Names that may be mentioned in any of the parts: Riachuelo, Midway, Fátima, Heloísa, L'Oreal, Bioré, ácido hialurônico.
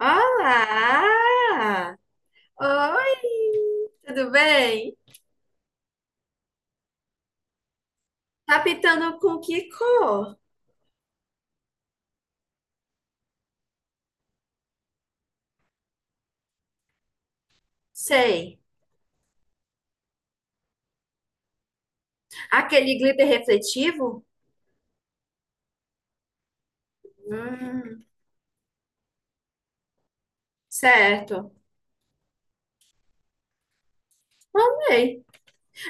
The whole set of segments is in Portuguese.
Olá! Oi! Tudo bem? Tá pintando com que cor? Sei. Aquele glitter refletivo? Hum, certo. Sei.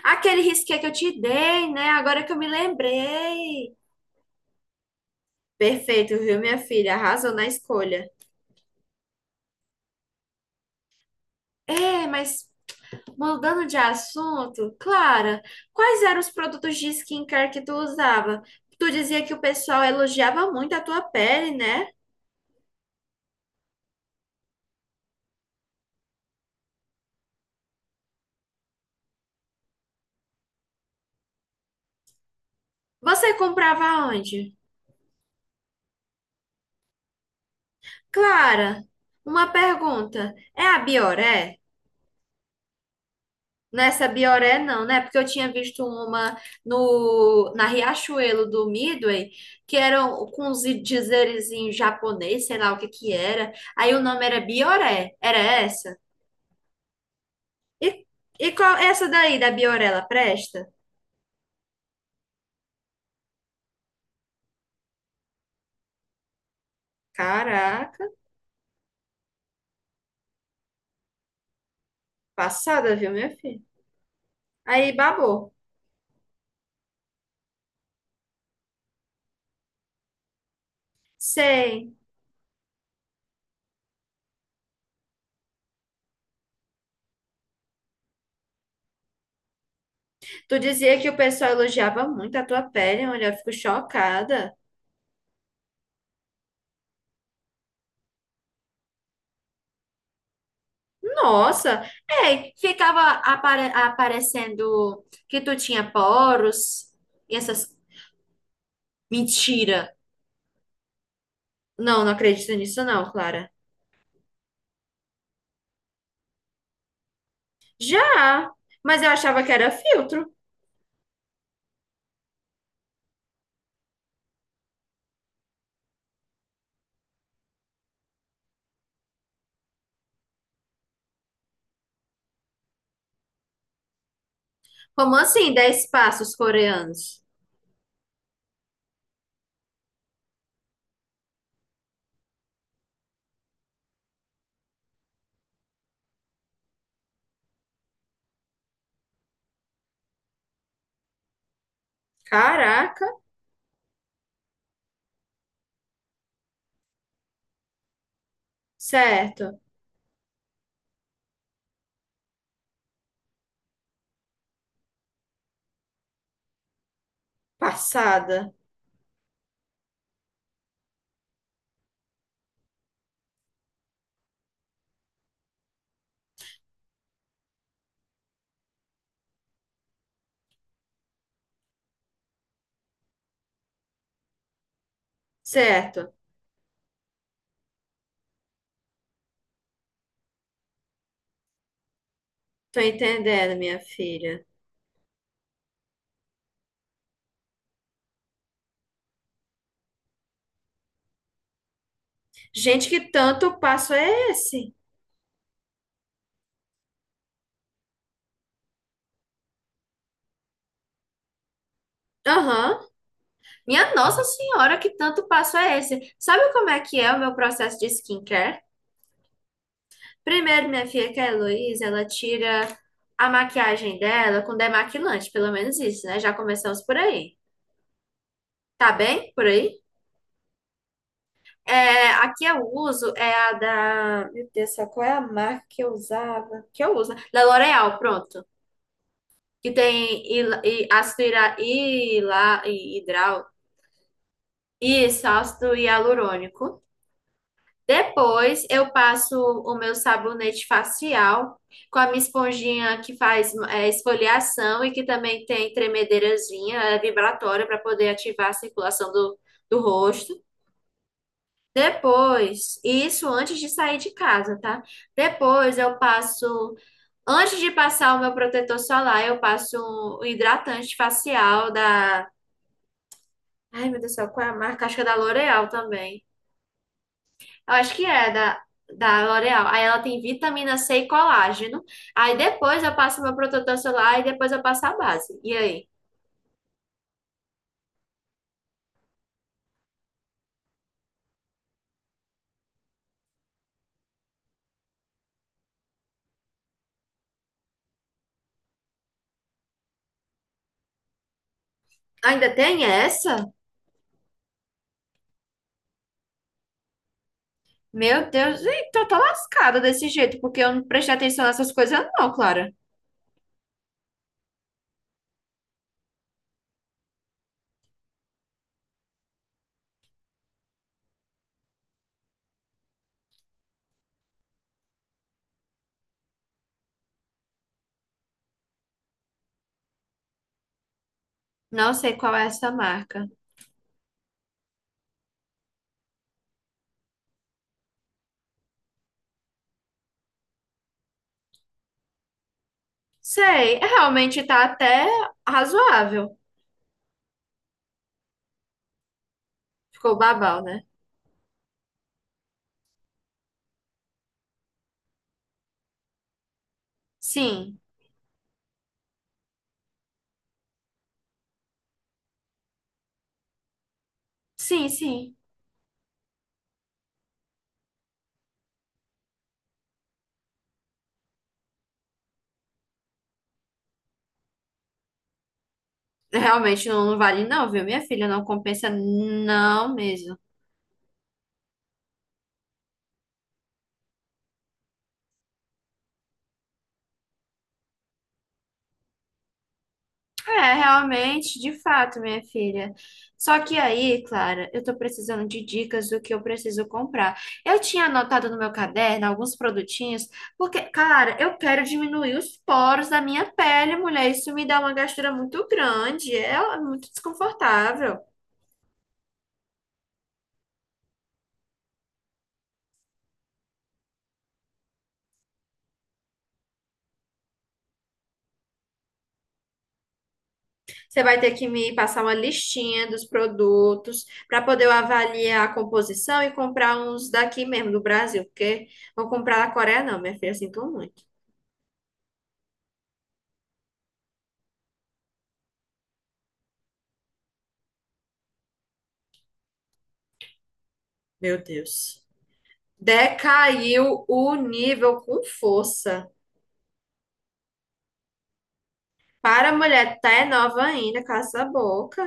Aquele risqué que eu te dei, né? Agora que eu me lembrei. Perfeito, viu, minha filha? Arrasou na escolha. É, mas mudando de assunto, Clara, quais eram os produtos de skincare que tu usava? Tu dizia que o pessoal elogiava muito a tua pele, né? Você comprava onde? Clara, uma pergunta. É a Bioré? Nessa Bioré não, né? Porque eu tinha visto uma no na Riachuelo do Midway, que era um, com uns dizeres em japonês, sei lá o que que era. Aí o nome era Bioré. Era essa? E, e qual essa daí da Bioré, ela presta? Caraca, passada, viu, minha filha? Aí babou. Sei. Tu dizia que o pessoal elogiava muito a tua pele, olha, eu fico chocada. Nossa, é, ficava aparecendo que tu tinha poros e essas mentira. Não, não acredito nisso não, Clara. Já, mas eu achava que era filtro. Como assim, 10 passos coreanos? Caraca, certo. Passada, certo. Tô entendendo, minha filha. Gente, que tanto passo é esse? Aham. Minha Nossa Senhora, que tanto passo é esse? Sabe como é que é o meu processo de skincare? Primeiro, minha filha, que é a Heloísa, ela tira a maquiagem dela com demaquilante, pelo menos isso, né? Já começamos por aí. Tá bem? Por aí? É, aqui que eu uso é a da. Meu Deus, do céu, qual é a marca que eu usava? Que eu uso? Né? Da L'Oreal, pronto. Que tem ácido hidral. Isso, ácido hialurônico. Depois eu passo o meu sabonete facial com a minha esponjinha que faz é, esfoliação e que também tem tremedeirazinha, é vibratória para poder ativar a circulação do rosto. Depois, isso antes de sair de casa, tá? Depois eu passo, antes de passar o meu protetor solar, eu passo um hidratante facial da, ai meu Deus do céu, qual é a marca? Acho que é da L'Oréal também. Eu acho que é da L'Oreal. Aí ela tem vitamina C e colágeno. Aí depois eu passo meu protetor solar e depois eu passo a base. E aí? Ainda tem essa? Meu Deus, então eu tô lascada desse jeito, porque eu não prestei atenção nessas coisas, não, Clara. Não sei qual é essa marca. Sei, realmente tá até razoável. Ficou babau, né? Sim, sim, sim. Realmente não, não vale, não, viu, minha filha? Não compensa, não mesmo. É, realmente, de fato, minha filha. Só que aí, Clara, eu tô precisando de dicas do que eu preciso comprar. Eu tinha anotado no meu caderno alguns produtinhos, porque, cara, eu quero diminuir os poros da minha pele, mulher. Isso me dá uma gastura muito grande, é muito desconfortável. Você vai ter que me passar uma listinha dos produtos para poder eu avaliar a composição e comprar uns daqui mesmo, do Brasil, porque vou comprar da Coreia, não, minha filha, sinto muito. Meu Deus. Decaiu o nível com força. Para a mulher, tá é nova ainda, cala essa boca.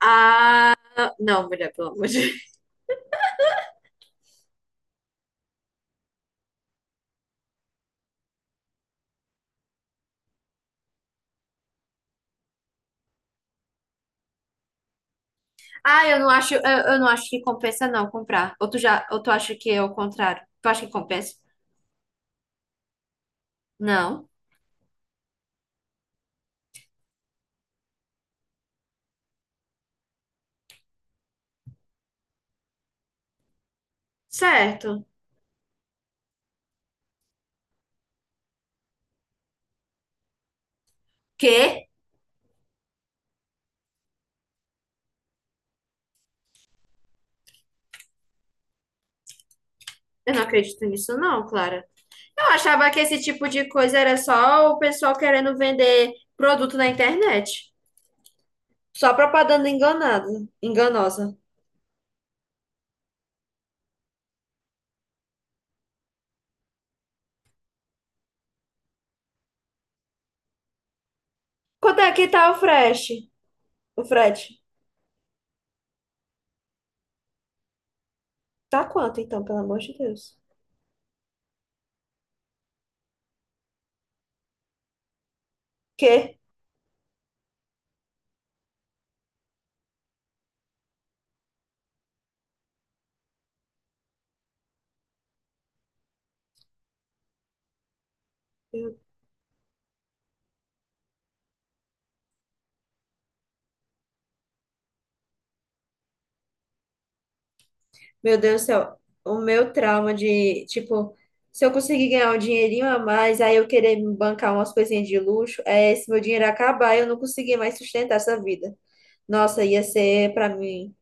Ah, não, mulher, pelo amor de Deus. Ah, eu não acho, eu não acho que compensa não comprar. Ou tu já, ou tu acha que é o contrário? Tu acha que compensa? Não. Certo. Quê? Eu não acredito nisso não, Clara. Eu achava que esse tipo de coisa era só o pessoal querendo vender produto na internet. Só propaganda enganada, enganosa. Quanto é que tá o frete? O frete? Tá quanto, então, pelo amor de Deus? Quê? Meu Meu Deus do céu. O meu trauma de, tipo, se eu conseguir ganhar um dinheirinho a mais, aí eu querer me bancar umas coisinhas de luxo, é esse meu dinheiro acabar e eu não conseguir mais sustentar essa vida. Nossa, ia ser pra mim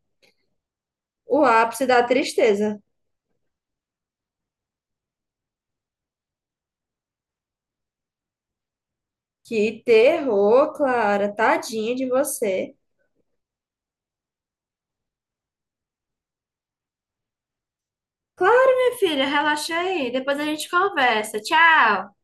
o ápice da tristeza. Que terror, Clara. Tadinha de você. Claro, minha filha, relaxa aí. Depois a gente conversa. Tchau.